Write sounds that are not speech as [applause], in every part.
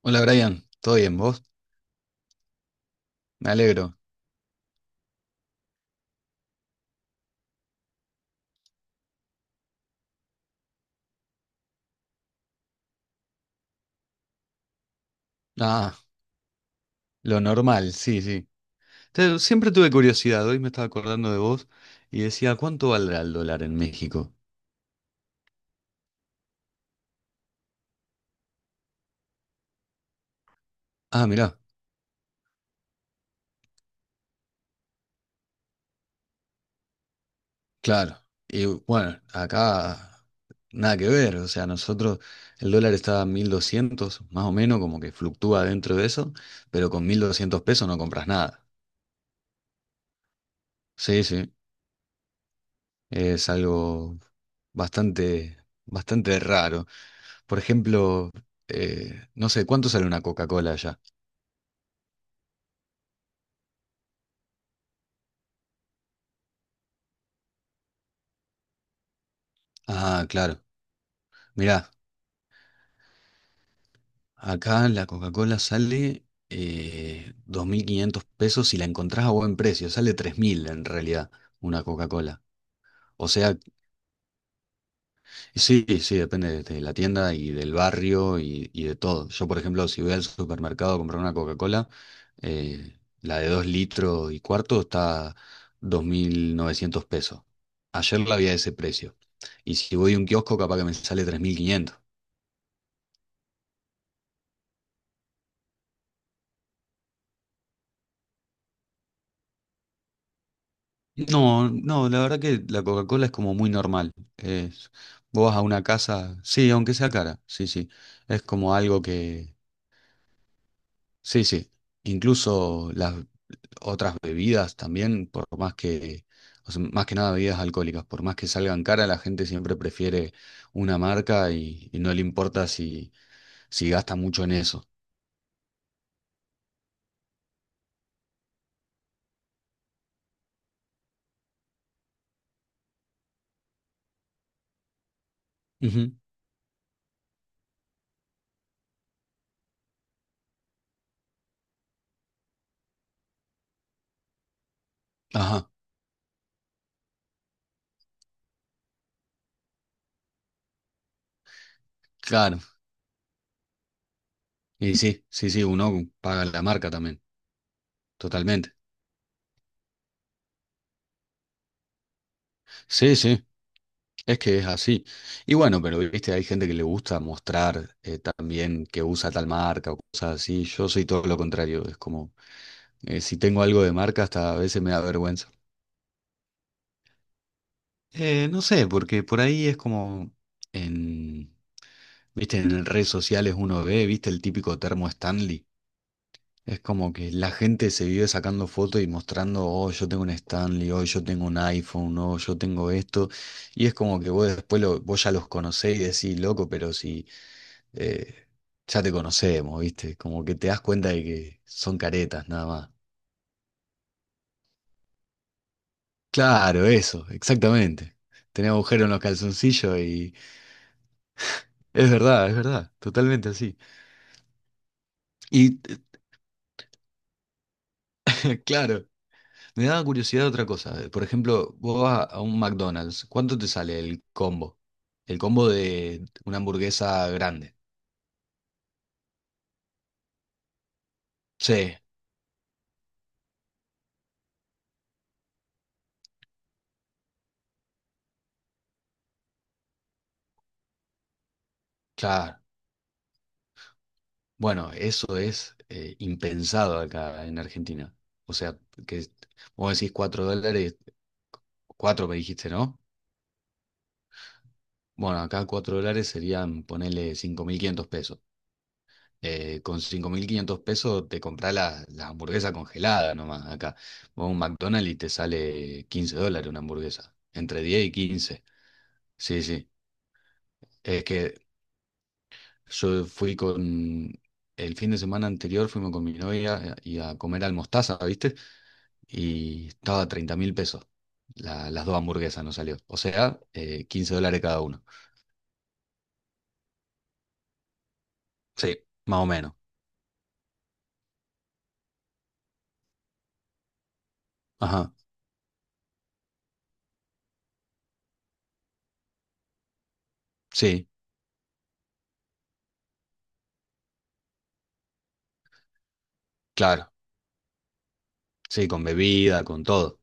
Hola Brian, ¿todo bien vos? Me alegro. Ah, lo normal, sí, sí. Siempre tuve curiosidad, hoy me estaba acordando de vos y decía, ¿cuánto valdrá el dólar en México? Ah, mirá, claro. Y bueno, acá nada que ver, o sea, nosotros el dólar está a 1.200 más o menos, como que fluctúa dentro de eso, pero con 1.200 pesos no compras nada. Sí, sí, es algo bastante, bastante raro. Por ejemplo, no sé, ¿cuánto sale una Coca-Cola allá? Ah, claro. Mirá, acá la Coca-Cola sale 2.500 pesos y la encontrás a buen precio. Sale 3.000 en realidad una Coca-Cola. O sea. Sí, sí, depende de la tienda y del barrio y de todo. Yo, por ejemplo, si voy al supermercado a comprar una Coca-Cola, la de 2 litros y cuarto está 2.900 pesos. Ayer la había a ese precio. Y si voy a un kiosco, capaz que me sale 3.500. No, no, la verdad que la Coca-Cola es como muy normal. Es- vos vas a una casa, sí, aunque sea cara, sí, sí. Es como algo que, sí, sí. Incluso las otras bebidas también, por más que, o sea, más que nada bebidas alcohólicas, por más que salgan cara, la gente siempre prefiere una marca y no le importa si gasta mucho en eso. Ujú. Ajá, claro. Y sí, sí, sí, uno paga la marca también, totalmente. Sí, sí, es que es así. Y bueno, pero viste, hay gente que le gusta mostrar también que usa tal marca o cosas así. Yo soy todo lo contrario, es como, si tengo algo de marca, hasta a veces me da vergüenza. No sé, porque por ahí es como en, viste, en redes sociales uno ve, viste, el típico termo Stanley. Es como que la gente se vive sacando fotos y mostrando, oh, yo tengo un Stanley, oh, yo tengo un iPhone, oh, yo tengo esto. Y es como que vos después vos ya los conocés y decís, loco, pero si eh, ya te conocemos, viste, como que te das cuenta de que son caretas nada más. Claro, eso, exactamente. Tenés agujero en los calzoncillos. Es verdad, totalmente así. Y [laughs] claro, me daba curiosidad otra cosa. Por ejemplo, vos vas a un McDonald's, ¿cuánto te sale el combo? El combo de una hamburguesa grande. Sí, claro. Bueno, eso es impensado acá en Argentina. O sea, que vos decís 4 dólares. 4 me dijiste, ¿no? Bueno, acá 4 dólares serían, ponele 5.500 pesos. Con 5.500 pesos te compras la hamburguesa congelada nomás acá. Vos a un McDonald's y te sale 15 dólares una hamburguesa. Entre 10 y 15. Sí, sí. Es que yo fui con... El fin de semana anterior fuimos con mi novia y a comer al Mostaza, ¿viste? Y estaba a 30 mil pesos. Las dos hamburguesas nos salió. O sea, 15 dólares cada uno. Sí, más o menos. Ajá. Sí, claro. Sí, con bebida, con todo.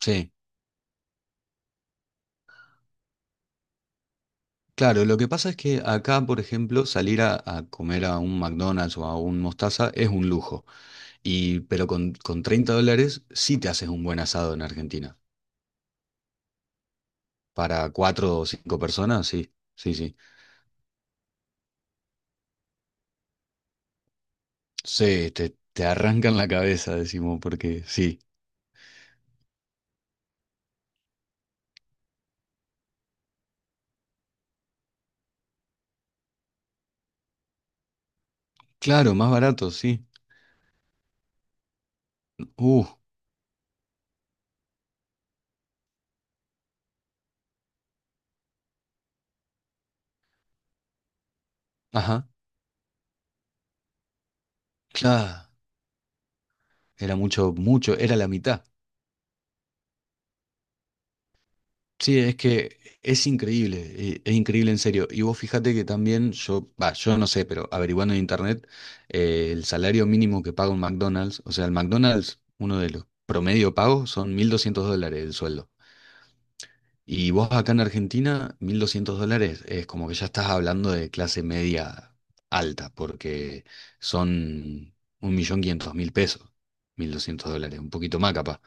Sí. Claro, lo que pasa es que acá, por ejemplo, salir a comer a un McDonald's o a un Mostaza es un lujo. Y, pero con 30 dólares sí te haces un buen asado en Argentina. Para cuatro o cinco personas, sí, sí, sí. Sí, te arrancan la cabeza, decimos, porque sí. Claro, más barato, sí. Uh, ajá. Claro, era mucho, mucho, era la mitad. Sí, es que es increíble en serio. Y vos fíjate que también yo, va, yo no sé, pero averiguando en internet, el salario mínimo que paga un McDonald's, o sea, el McDonald's, uno de los promedio pagos son 1.200 dólares el sueldo. Y vos acá en Argentina, 1.200 dólares es como que ya estás hablando de clase media alta, porque son 1.500.000 pesos, 1.200 dólares, un poquito más capaz.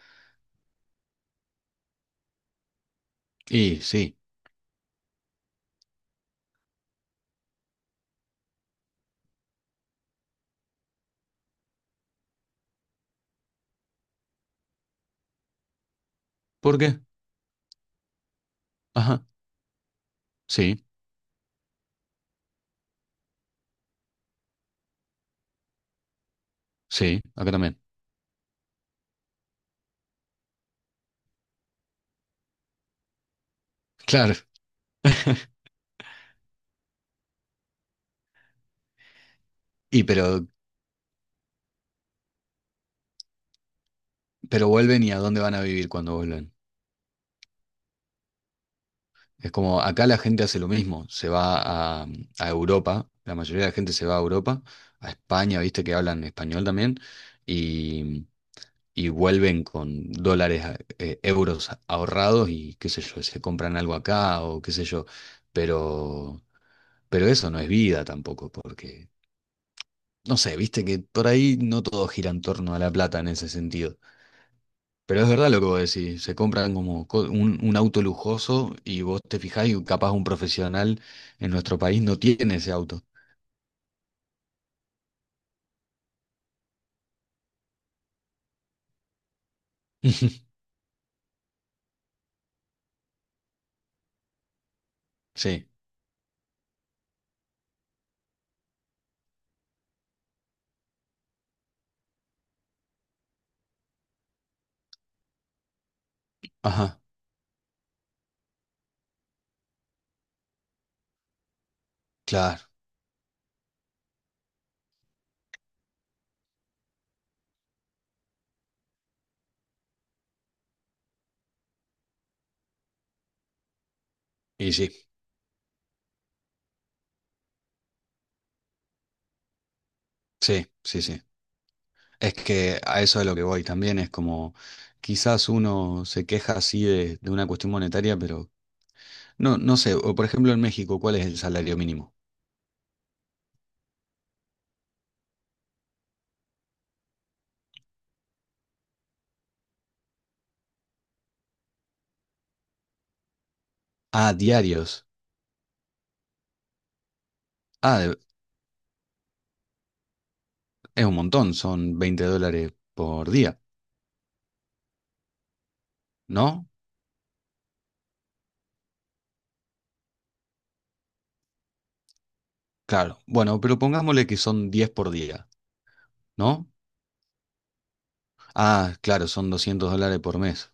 Y sí, ¿por qué? Ajá, sí, sí, acá también. Claro. Y pero vuelven y a dónde van a vivir cuando vuelven. Es como acá la gente hace lo mismo, se va a Europa, la mayoría de la gente se va a Europa, a España, viste que hablan español también, y, y vuelven con dólares, euros ahorrados y qué sé yo, se compran algo acá o qué sé yo, pero, pero eso no es vida tampoco, porque, no sé, viste que por ahí no todo gira en torno a la plata en ese sentido. Pero es verdad lo que vos decís, se compran como un auto lujoso y vos te fijás y capaz un profesional en nuestro país no tiene ese auto. [laughs] Sí, ajá, claro. Y sí, sí, sí, sí. Es que a eso es lo que voy también, es como quizás uno se queja así de una cuestión monetaria, pero no, no sé, o por ejemplo en México, ¿cuál es el salario mínimo? Ah, diarios. Ah, es un montón, son 20 dólares por día, ¿no? Claro, bueno, pero pongámosle que son 10 por día. ¿No? Ah, claro, son 200 dólares por mes.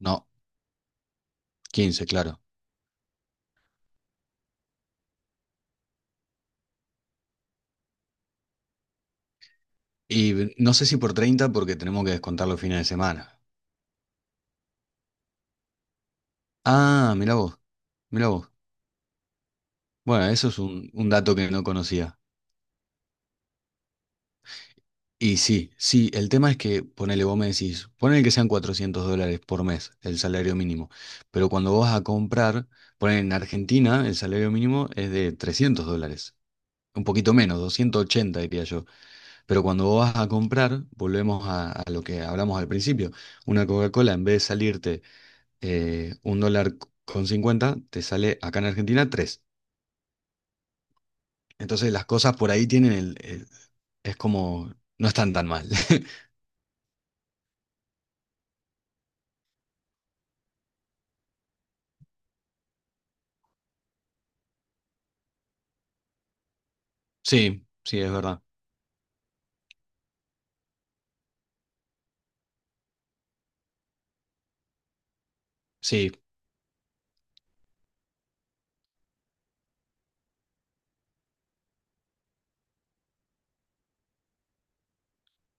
No, 15 claro. Y no sé si por 30 porque tenemos que descontar los fines de semana. Ah, mirá vos, mirá vos. Bueno, eso es un dato que no conocía. Y sí, sí, el tema es que, ponele, vos me decís, ponele que sean 400 dólares por mes el salario mínimo, pero cuando vos vas a comprar, ponele en Argentina el salario mínimo es de 300 dólares, un poquito menos, 280 diría yo. Pero cuando vos vas a comprar, volvemos a lo que hablamos al principio. Una Coca-Cola, en vez de salirte 1,50 dólares te sale acá en Argentina tres. Entonces las cosas por ahí tienen es como, no están tan mal. [laughs] Sí, sí, es verdad. Sí,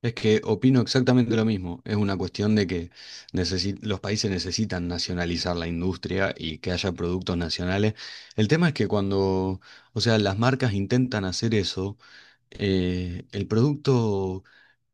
es que opino exactamente lo mismo. Es una cuestión de que los países necesitan nacionalizar la industria y que haya productos nacionales. El tema es que cuando, o sea, las marcas intentan hacer eso, el producto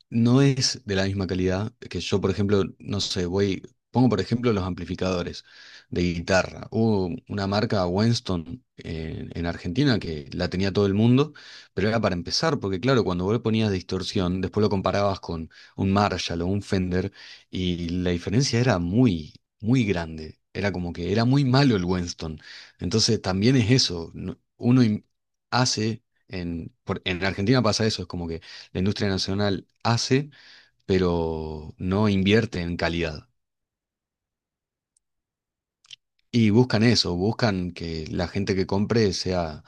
no es de la misma calidad que yo, por ejemplo, no sé, voy, pongo por ejemplo los amplificadores de guitarra. Hubo una marca Winston en Argentina que la tenía todo el mundo, pero era para empezar, porque claro, cuando vos le ponías distorsión, después lo comparabas con un Marshall o un Fender y la diferencia era muy, muy grande. Era como que era muy malo el Winston. Entonces también es eso, uno hace... En Argentina pasa eso, es como que la industria nacional hace, pero no invierte en calidad. Y buscan eso, buscan que la gente que compre sea,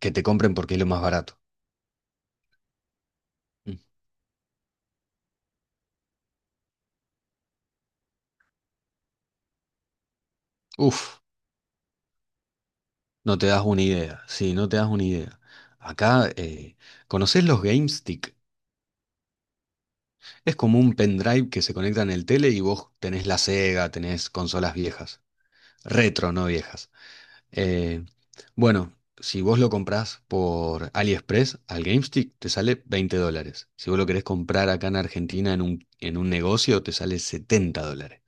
que te compren porque es lo más barato. Mm. Uf, no te das una idea, sí, no te das una idea. Acá, ¿conocés los GameStick? Es como un pendrive que se conecta en el tele y vos tenés la Sega, tenés consolas viejas. Retro, no viejas. Eh, bueno, si vos lo comprás por AliExpress al GameStick, te sale 20 dólares. Si vos lo querés comprar acá en Argentina en un negocio, te sale 70 dólares.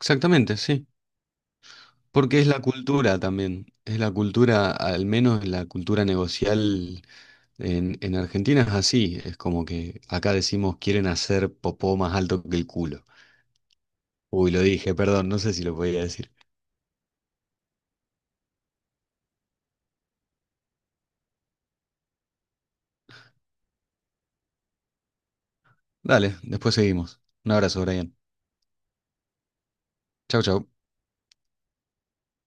Exactamente, sí. Porque es la cultura también. Es la cultura, al menos la cultura negocial en Argentina es así. Es como que acá decimos quieren hacer popó más alto que el culo. Uy, lo dije, perdón, no sé si lo podía decir. Dale, después seguimos. Un abrazo, Brian. Chau, chau.